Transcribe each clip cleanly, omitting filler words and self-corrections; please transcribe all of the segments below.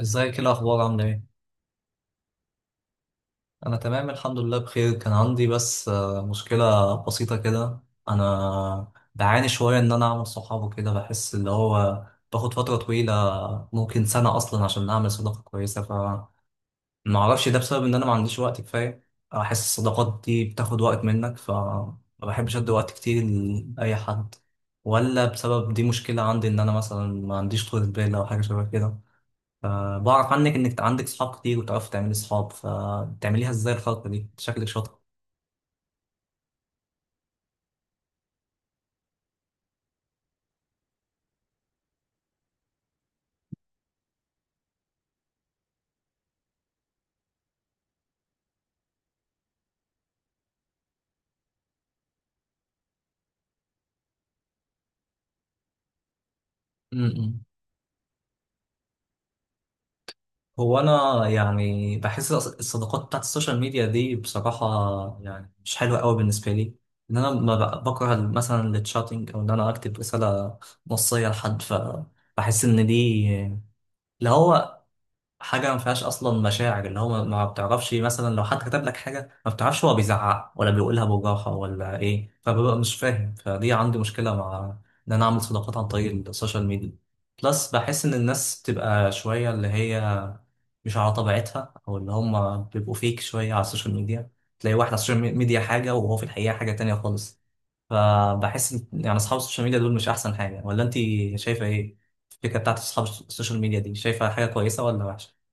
ازيك ايه الاخبار عامله ايه؟ انا تمام الحمد لله بخير. كان عندي بس مشكله بسيطه كده. انا بعاني شويه ان انا اعمل صحاب وكده، بحس اللي هو باخد فتره طويله، ممكن سنه اصلا عشان اعمل صداقه كويسه. فما اعرفش ده بسبب ان انا ما عنديش وقت كفايه، احس الصداقات دي بتاخد وقت منك فما بحبش ادي وقت كتير لاي حد، ولا بسبب دي مشكله عندي ان انا مثلا ما عنديش طولة بال او حاجه شبه كده. فبعرف عنك انك عندك صحاب كتير وتعرفي تعملي صحاب، فبتعمليها ازاي الخلطة دي؟ شكلك شاطر. م-م. هو انا يعني بحس الصداقات بتاعت السوشيال ميديا دي بصراحة يعني مش حلوة قوي بالنسبة لي. ان انا ما ب- بكره مثلا التشاتنج، او ان انا اكتب رسالة نصية لحد، فبحس ان دي اللي هو حاجة ما فيهاش أصلا مشاعر، اللي هو ما بتعرفش مثلا لو حد كتب لك حاجة، ما بتعرفش هو بيزعق ولا بيقولها بوجاحة ولا إيه، فببقى مش فاهم. فدي عندي مشكلة مع إن أنا أعمل صداقات عن طريق السوشيال ميديا. بلس بحس إن الناس بتبقى شوية اللي هي مش على طبيعتها، أو اللي هم بيبقوا فيك شوية على السوشيال ميديا. تلاقي واحد على السوشيال ميديا حاجة وهو في الحقيقة حاجة تانية خالص. فبحس إن يعني أصحاب السوشيال ميديا دول مش أحسن حاجة، ولا أنت شايفة إيه؟ الفكرة بتاعت أصحاب السوشيال ميديا دي، شايفة حاجة كويسة ولا وحشة؟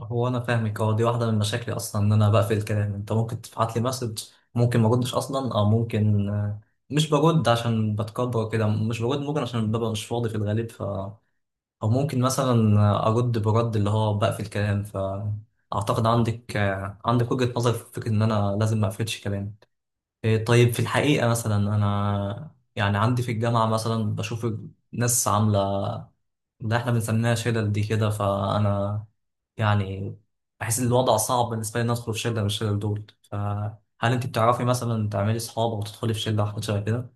هو انا فاهمك. هو دي واحده من مشاكلي اصلا، ان انا بقفل الكلام. انت ممكن تبعت لي مسج، ممكن ما اردش اصلا، او ممكن مش برد عشان بتكبر كده، مش برد ممكن عشان ببقى مش فاضي في الغالب، ف او ممكن مثلا ارد برد اللي هو بقفل الكلام. فاعتقد عندك وجهه نظر في فكره ان انا لازم ما اقفلش كلام. إيه، طيب في الحقيقه مثلا انا يعني عندي في الجامعه مثلا بشوف ناس عامله، ده احنا بنسميها شلل دي كده، فانا يعني بحس ان الوضع صعب بالنسبه لي ان ادخل في شله من الشلل دول. فهل انت بتعرفي مثلا تعملي اصحاب او تدخلي في شله أو حاجه شبه كده؟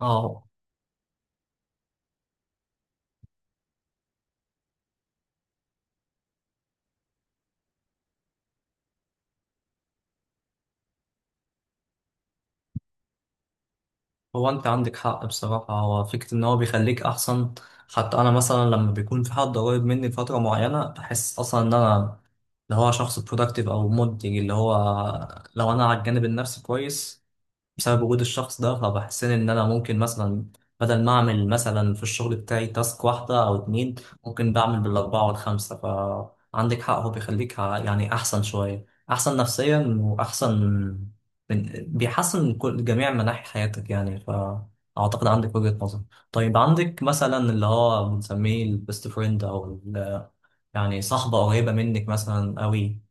اه. هو انت عندك حق بصراحه، هو فكره ان هو بيخليك احسن. حتى انا مثلا لما بيكون في حد قريب مني لفتره معينه بحس اصلا ان انا اللي هو شخص productive او منتج، اللي هو لو انا على الجانب النفسي كويس بسبب وجود الشخص ده، فبحسين ان انا ممكن مثلا بدل ما اعمل مثلا في الشغل بتاعي تاسك واحدة او اتنين، ممكن بعمل بالاربعة والخمسة. فعندك حق هو بيخليك يعني احسن شوية، احسن نفسيا واحسن، بيحسن من كل جميع مناحي حياتك يعني. فاعتقد عندك وجهة نظر. طيب عندك مثلا اللي هو بنسميه البيست فريند او يعني صاحبة قريبة منك مثلا قوي؟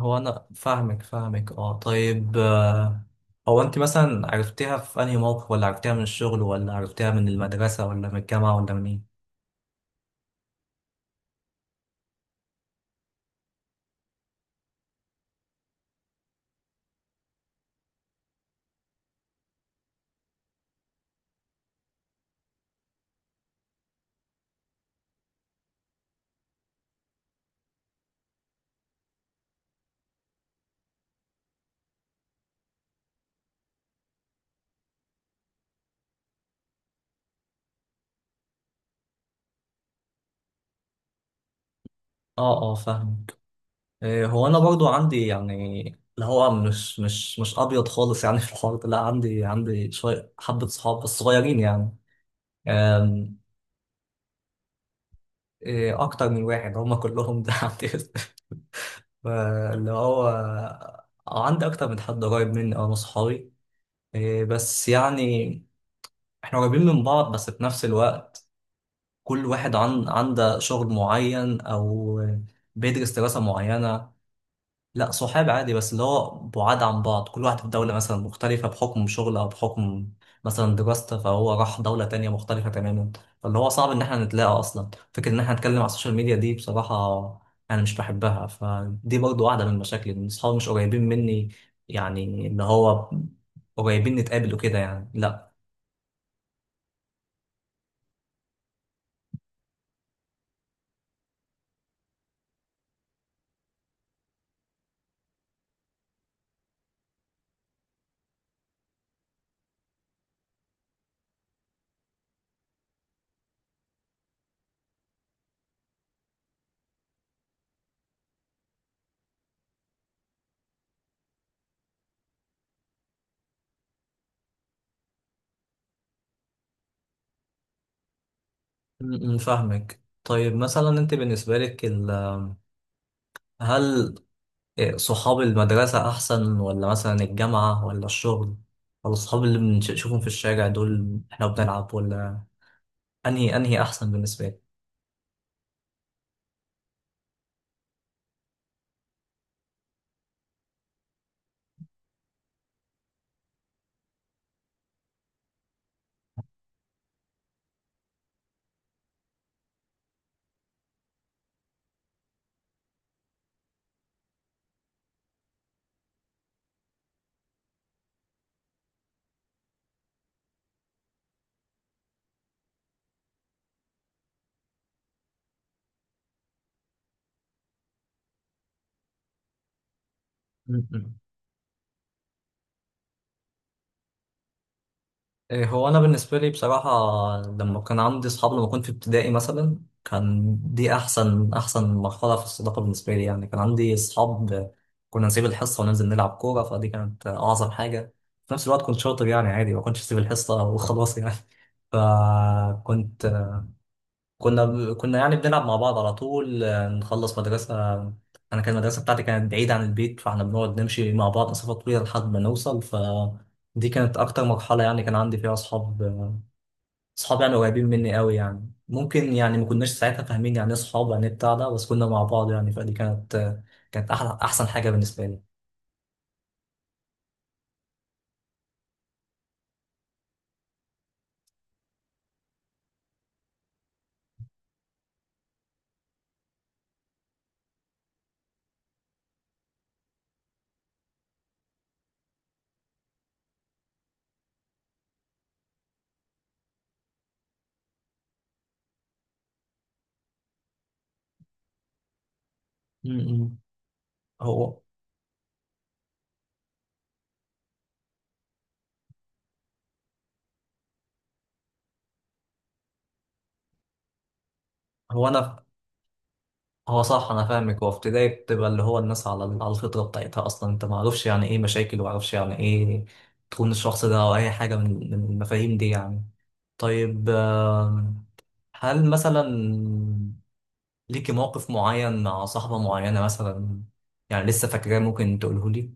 هو انا فاهمك، اه. طيب هو انت مثلا عرفتيها في انهي موقف، ولا عرفتيها من الشغل، ولا عرفتيها من المدرسة، ولا من الجامعة، ولا من ايه؟ اه اه، فاهمك. هو انا برضو عندي يعني اللي هو مش ابيض خالص يعني في الحوار ده. لا، عندي شوية حبة صحاب بس صغيرين يعني. آم، اكتر من واحد هم كلهم ده عندي. اللي هو عندي اكتر من حد قريب مني، اه، من صحابي. بس يعني احنا قريبين من بعض، بس في نفس الوقت كل واحد عن عنده شغل معين او بيدرس دراسة معينة. لا، صحاب عادي، بس اللي هو بعاد عن بعض، كل واحد في دولة مثلا مختلفة بحكم شغل او بحكم مثلا دراسته، فهو راح دولة تانية مختلفة تماما. فاللي هو صعب ان احنا نتلاقى اصلا. فكرة ان احنا نتكلم على السوشيال ميديا دي بصراحة انا مش بحبها. فدي برضو واحدة من المشاكل ان اصحابي مش قريبين مني، يعني اللي هو قريبين نتقابل وكده يعني، لا. م- م، فاهمك. طيب مثلا انت بالنسبة لك هل صحاب المدرسة أحسن، ولا مثلا الجامعة، ولا الشغل، ولا الصحاب اللي بنشوفهم في الشارع دول احنا بنلعب، ولا أنهي أحسن بالنسبة لك؟ إيه، هو انا بالنسبه لي بصراحه لما كان عندي اصحاب، لما كنت في ابتدائي مثلا، كان دي احسن احسن مرحله في الصداقه بالنسبه لي. يعني كان عندي اصحاب، كنا نسيب الحصه وننزل نلعب كوره، فدي كانت اعظم حاجه. في نفس الوقت كنت شاطر يعني عادي، ما كنتش اسيب الحصه وخلاص يعني فكنت كنا كنا يعني بنلعب مع بعض على طول، نخلص مدرسه، انا كان المدرسه بتاعتي كانت بعيده عن البيت، فاحنا بنقعد نمشي مع بعض مسافه طويله لحد ما نوصل. ف دي كانت أكتر مرحلة يعني كان عندي فيها أصحاب، صحابي يعني قريبين مني قوي. يعني ممكن يعني ما كناش ساعتها فاهمين يعني ايه صحاب، يعني إيه بتاع ده، بس كنا مع بعض يعني. فدي كانت احلى احسن حاجه بالنسبه لي. م-م. هو هو انا، هو صح، انا فاهمك. هو في ابتدائي بتبقى اللي هو الناس على الفطره بتاعتها اصلا، انت ما عارفش يعني ايه مشاكل، وما عارفش يعني ايه تكون الشخص ده او اي حاجه من المفاهيم دي يعني. طيب، هل مثلا ليكي موقف معين مع صاحبه معينه مثلا، يعني لسه فاكراه، ممكن تقوله لي؟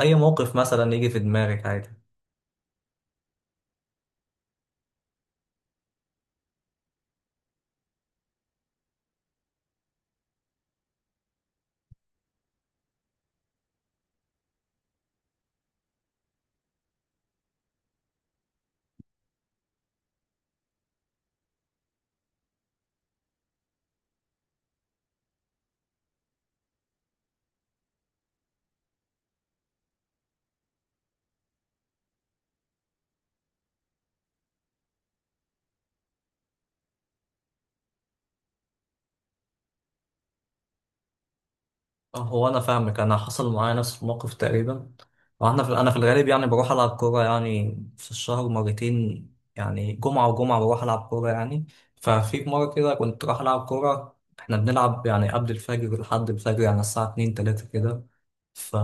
اي موقف مثلا يجي في دماغك عادي. أه، هو انا فاهمك. انا حصل معايا نفس الموقف تقريبا. واحنا في انا في الغالب يعني بروح العب كوره يعني في الشهر مرتين، يعني جمعه وجمعه بروح العب كوره يعني. ففي مره كده كنت رايح العب كوره، احنا بنلعب يعني قبل الفجر لحد الفجر يعني الساعه 2 3 كده. ف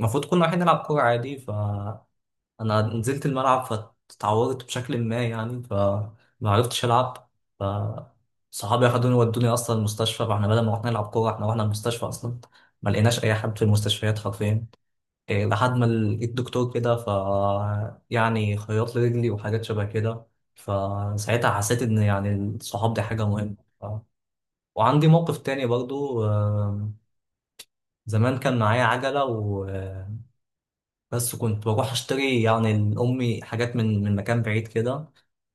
المفروض كنا رايحين نلعب كوره عادي، ف انا نزلت الملعب، فتعورت بشكل ما يعني فما عرفتش العب. ف صحابي اخدوني ودوني اصلا المستشفى، فاحنا بدل ما رحنا نلعب كوره احنا رحنا المستشفى اصلا. ما لقيناش اي حد في المستشفيات حرفيا. إيه، لحد ما لقيت دكتور كده، ف يعني خيط لي رجلي وحاجات شبه كده. فساعتها حسيت ان يعني الصحاب دي حاجه مهمه. ف... وعندي موقف تاني برضو. زمان كان معايا عجله، بس كنت بروح اشتري يعني لأمي حاجات من مكان بعيد كده.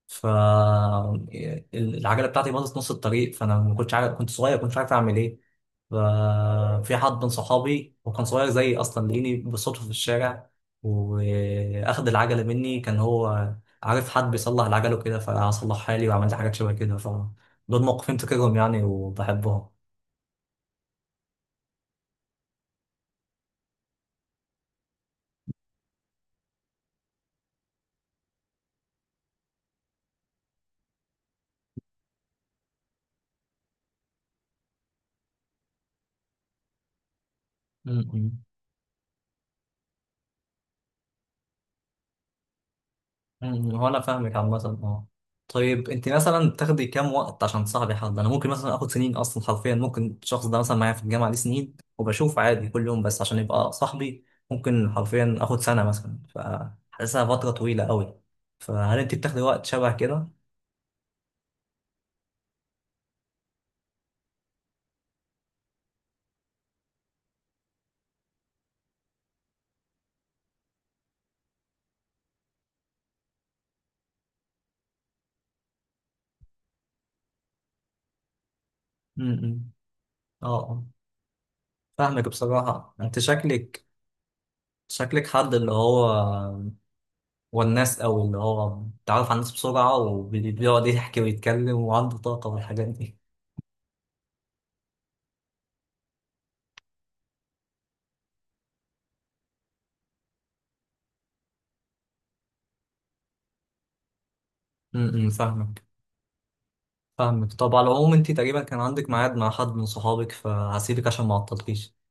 فالعجلة بتاعتي باظت نص الطريق، فأنا ما كنتش عارف، كنت صغير كنتش عارف أعمل إيه. ففي حد من صحابي وكان صغير زيي أصلا، لقيني بالصدفة في الشارع، وأخد العجلة مني، كان هو عارف حد بيصلح العجلة وكده، فصلحها لي وعملت حاجات شبه كده. فدول موقفين تكرهم يعني وبحبهم. هو انا فاهمك عامة. اه. طيب انت مثلا بتاخدي كام وقت عشان تصاحبي حد؟ انا ممكن مثلا اخد سنين اصلا حرفيا، ممكن الشخص ده مثلا معايا في الجامعة دي سنين وبشوف عادي كل يوم بس عشان يبقى صاحبي، ممكن حرفيا اخد سنة مثلا، فحاسسها فترة طويلة قوي. فهل انت بتاخدي وقت شبه كده؟ امم، اه، آه. فاهمك بصراحة. انت شكلك حد اللي هو والناس قوي، اللي هو بيتعرف على الناس بسرعة وبيقعد يحكي ويتكلم وعنده طاقة والحاجات دي. امم، فاهمك. طب على العموم انت تقريبا كان عندك ميعاد مع حد من صحابك فهسيبك عشان ما اعطلكيش.